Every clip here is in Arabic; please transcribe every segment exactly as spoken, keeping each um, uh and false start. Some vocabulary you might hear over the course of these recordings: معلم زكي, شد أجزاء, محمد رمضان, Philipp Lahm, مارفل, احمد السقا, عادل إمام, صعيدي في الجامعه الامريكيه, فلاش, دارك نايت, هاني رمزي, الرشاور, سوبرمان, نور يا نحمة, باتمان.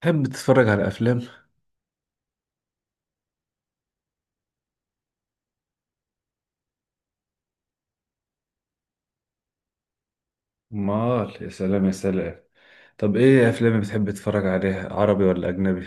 تحب تتفرج على أفلام؟ مال، يا سلام، يا سلام. طب، ايه افلام بتحب تتفرج عليها، عربي ولا اجنبي؟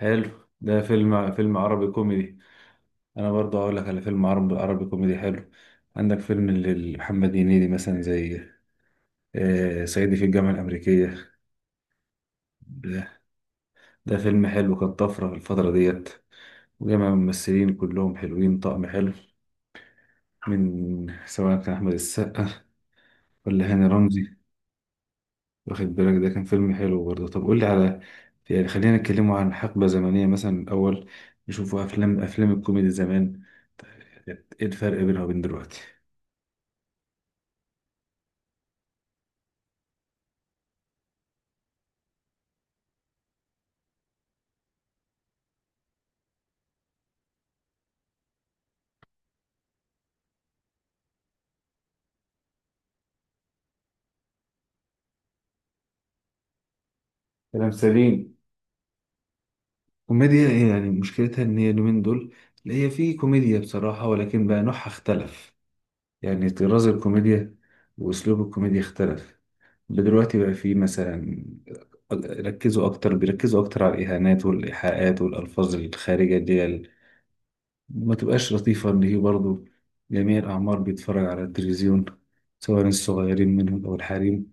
حلو، ده فيلم فيلم عربي كوميدي. انا برضه هقول لك على فيلم عربي عربي كوميدي حلو. عندك فيلم لمحمد هنيدي مثلا، زي آه صعيدي في الجامعه الامريكيه. ده, ده فيلم حلو، كان طفره في الفتره ديت. وجمع ممثلين كلهم حلوين، طقم حلو، من سواء كان احمد السقا ولا هاني رمزي. واخد بالك، ده كان فيلم حلو برضه. طب قول لي على، يعني خلينا نتكلموا عن حقبة زمنية، مثلا الأول نشوفوا أفلام أفلام الكوميدي زمان، كانت إيه الفرق بينها وبين دلوقتي؟ كلام سليم. كوميديا إيه يعني؟ مشكلتها إن هي اليومين دول، اللي هي في كوميديا بصراحة، ولكن بقى نوعها اختلف. يعني طراز الكوميديا وأسلوب الكوميديا اختلف. دلوقتي بقى في مثلا، ركزوا أكتر بيركزوا أكتر على الإهانات والإيحاءات والألفاظ الخارجة دي. ما تبقاش لطيفة، إن هي برضه جميع الأعمار بيتفرج على التلفزيون، سواء الصغيرين منهم أو الحريم.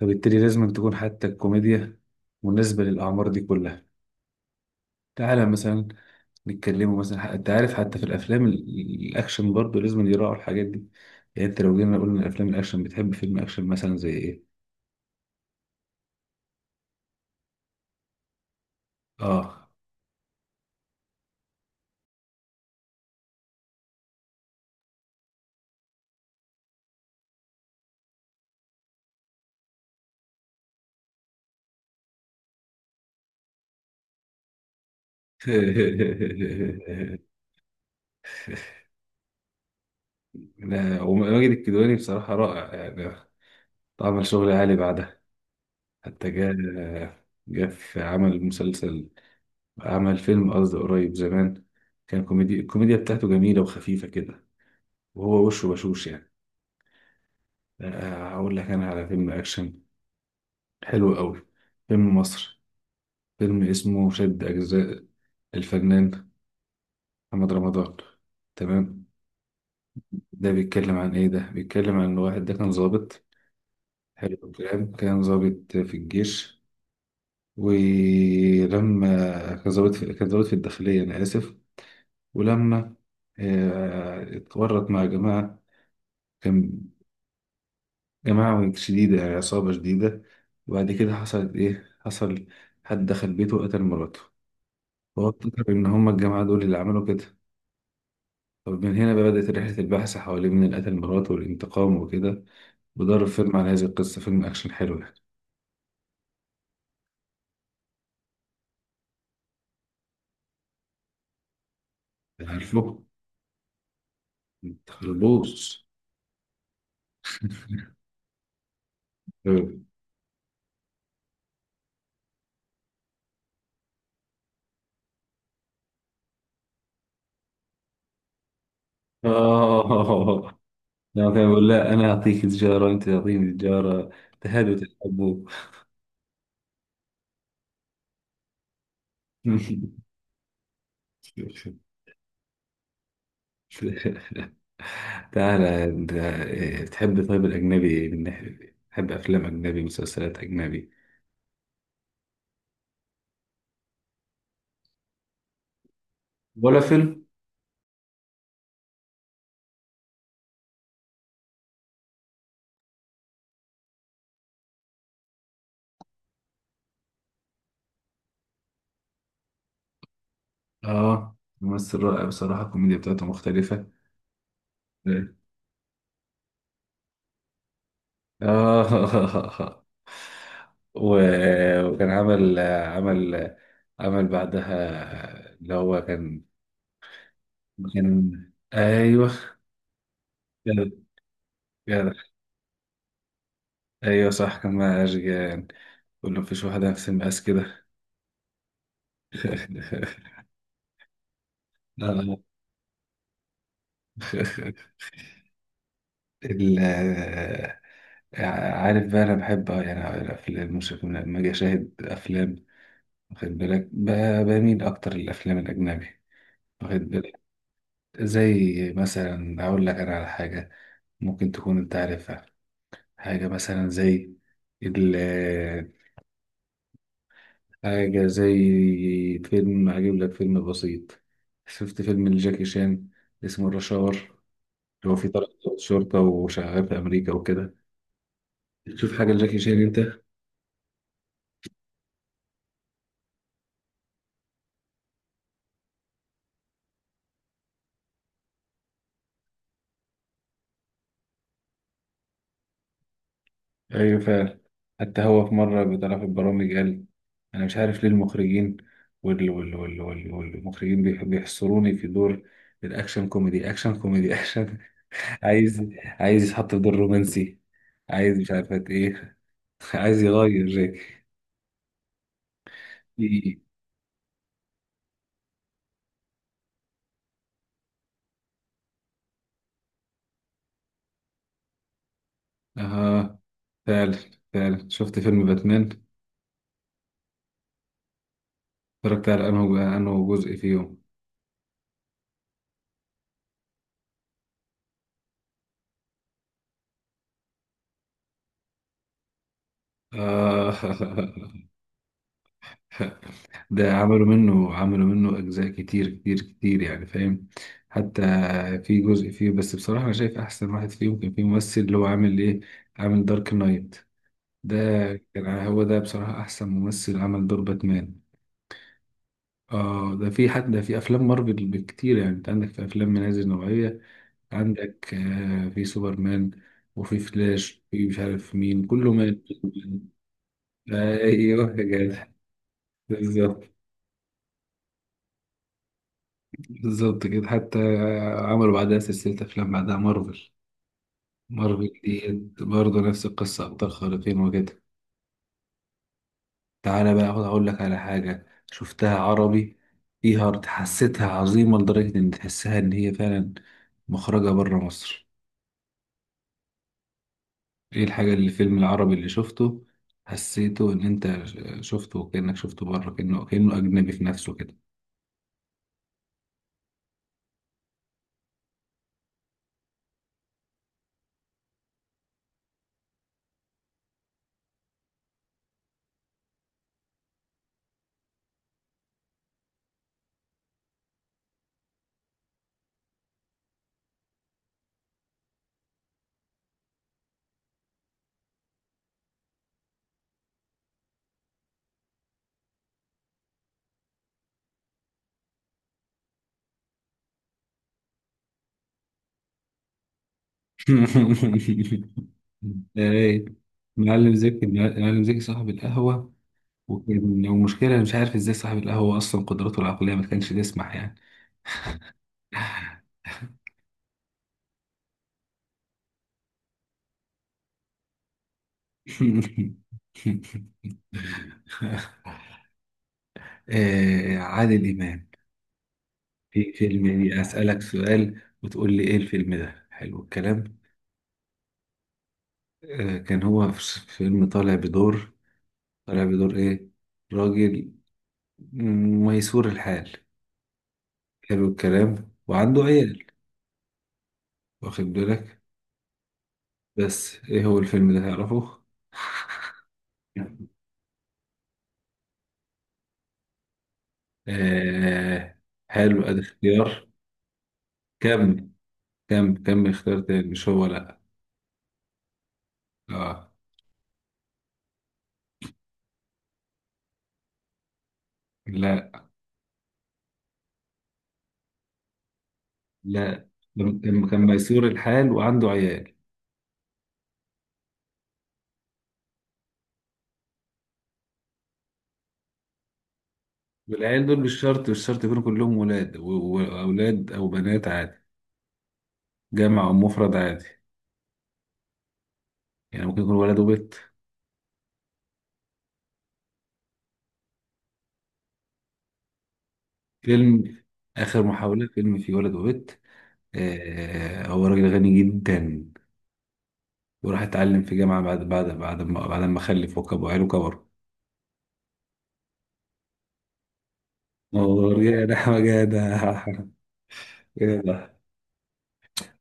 فبالتالي لازم تكون حتى الكوميديا مناسبة للأعمار دي كلها. تعالى مثلا نتكلموا، مثلا ح- أنت عارف حتى في الأفلام ال- الأكشن برضه لازم يراعوا الحاجات دي. يعني أنت لو جينا قلنا الأفلام الأكشن، بتحب فيلم أكشن مثلا زي إيه؟ آه. لا، وماجد الكدواني بصراحة رائع يعني، عمل شغل عالي بعدها، حتى جاء جاء في عمل مسلسل، عمل فيلم قصدي قريب زمان، كان كوميدي، الكوميديا بتاعته جميلة وخفيفة كده، وهو وشه بشوش يعني. آه، آه، هقول لك أنا على فيلم أكشن حلو قوي، فيلم مصر، فيلم اسمه شد أجزاء، الفنان محمد رمضان. تمام. ده بيتكلم عن إيه؟ ده بيتكلم عن واحد، ده كان ضابط، حلو الكلام، كان ضابط في الجيش، ولما كان ضابط في... كان ضابط في الداخلية، أنا آسف، ولما آه، اتورط مع جماعة، كان جماعة شديدة يعني، عصابة شديدة. وبعد كده حصلت إيه؟ حصل حد دخل بيته وقتل مراته، وهو افتكر إن هما الجماعة دول اللي عملوا كده. طب من هنا بقى بدأت رحلة البحث حوالين من اللي قتل مراته والانتقام وكده. وده فيلم على هذه القصة، فيلم أكشن حلو يعني. عارفه؟ متخربوش. آه، لما كان بيقول لا أنا أعطيك تجارة وأنت تعطيني تجارة، تهادوا، تحبوا. تعالى، انت إيه، بتحب طيب الأجنبي إيه؟ من ناحية إيه؟ بتحب أفلام أجنبي، مسلسلات أجنبي، ولا فيلم؟ آه، ممثل رائع بصراحة، الكوميديا بتاعته مختلفة. آه. و- وكان عمل عمل عمل بعدها، اللي هو كان كان أيوه، جدع، جدع. أيوه صح، كان مع أشجان، كل ما فيش واحد نفس المقاس كده. آه. ال آه، عارف بقى، انا بحب، آه، يعني في الموسيقى لما اجي اشاهد افلام، واخد بالك، ب- بميل اكتر للافلام الاجنبي، واخد بالك. زي مثلا اقول لك انا على حاجه، ممكن تكون انت عارفها، حاجه مثلا زي، ال حاجه زي فيلم، اجيب لك فيلم بسيط. شفت فيلم لجاكي شان اسمه الرشاور، اللي هو فيه طلعت ضابط شرطه وشغال في امريكا وكده؟ تشوف حاجه لجاكي شان انت. ايوه فعلا. حتى هو في مره بيطلع في البرامج قال: انا مش عارف ليه المخرجين، وال وال وال وال والمخرجين بيح- بيحصروني في دور الاكشن كوميدي اكشن كوميدي اكشن. عايز عايز يتحط في دور رومانسي، عايز مش عارفة ايه، عايز يغير. إيه. اه، فعلا فعلا. شفت فيلم باتمان؟ اتفرجت على انه انه جزء فيهم. آه. ده عملوا منه عملوا منه أجزاء كتير كتير كتير يعني، فاهم؟ حتى في جزء فيه، بس بصراحة أنا شايف أحسن واحد فيهم كان في ممثل اللي هو عامل إيه، عامل دارك نايت، ده كان هو ده بصراحة أحسن ممثل عمل دور باتمان. آه، ده في حد، ده في أفلام مارفل بكتير يعني. أنت عندك في أفلام من هذه النوعية، عندك آه في سوبرمان، وفي فلاش، وفي مش عارف مين، كله مات. أيوه يا جدع، بالظبط، بالظبط كده. حتى عملوا بعدها سلسلة أفلام، بعدها مارفل مارفل دي برضه نفس القصة، أبطال خارقين وكده. تعالى بقى أقعد أقول لك على حاجة شفتها عربي، فيها حسيتها عظيمة لدرجة إن تحسها إن هي فعلا مخرجة برا مصر. إيه الحاجة، اللي الفيلم العربي اللي شفته حسيته إن أنت شفته كأنك شفته برا، كأنه كأنه أجنبي في نفسه كده؟ إيه. معلم زكي، معلم زكي صاحب القهوة، وكان- ومشكلة، أنا مش عارف ازاي صاحب القهوة اصلا قدراته العقلية ما كانش تسمح يعني. آه، عادل إمام في فيلم إيه؟ أسألك سؤال وتقول لي إيه الفيلم، ده حلو الكلام. آه، كان هو في فيلم طالع بدور طالع بدور إيه؟ راجل، م- ميسور الحال، حلو الكلام، وعنده عيال، واخد بالك. بس إيه هو الفيلم ده، تعرفه؟ آه، حلو، أدي اختيار. كمل. كم كم اختيار تاني؟ مش هو، لا. اه، لا، لا، لما كان كان ميسور الحال وعنده عيال، والعيال دول مش شرط مش شرط يكونوا كلهم ولاد و- واولاد او بنات، عادي. جمع او مفرد عادي، يعني ممكن يكون ولد وبنت. فيلم اخر محاولة، فيلم فيه ولد وبنت. آه، هو راجل غني جدا، وراح اتعلم في جامعة بعد بعد بعد ما بعد ما خلف، وكب وعياله كبروا. نور يا نحمة، جدع، جدع.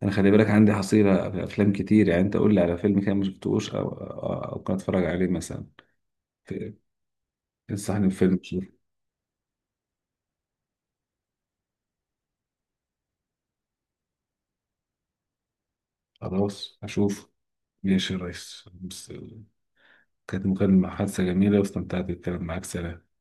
انا خلي بالك عندي حصيله في افلام كتير يعني، انت قول لي على فيلم كده ما شفتوش، او او أو ممكن اتفرج عليه مثلا. في- انصحني بفيلم، شوف. خلاص اشوف، ماشي يا ريس. بس كانت مكالمة حادثة جميلة، واستمتعت بالكلام معاك، سلام.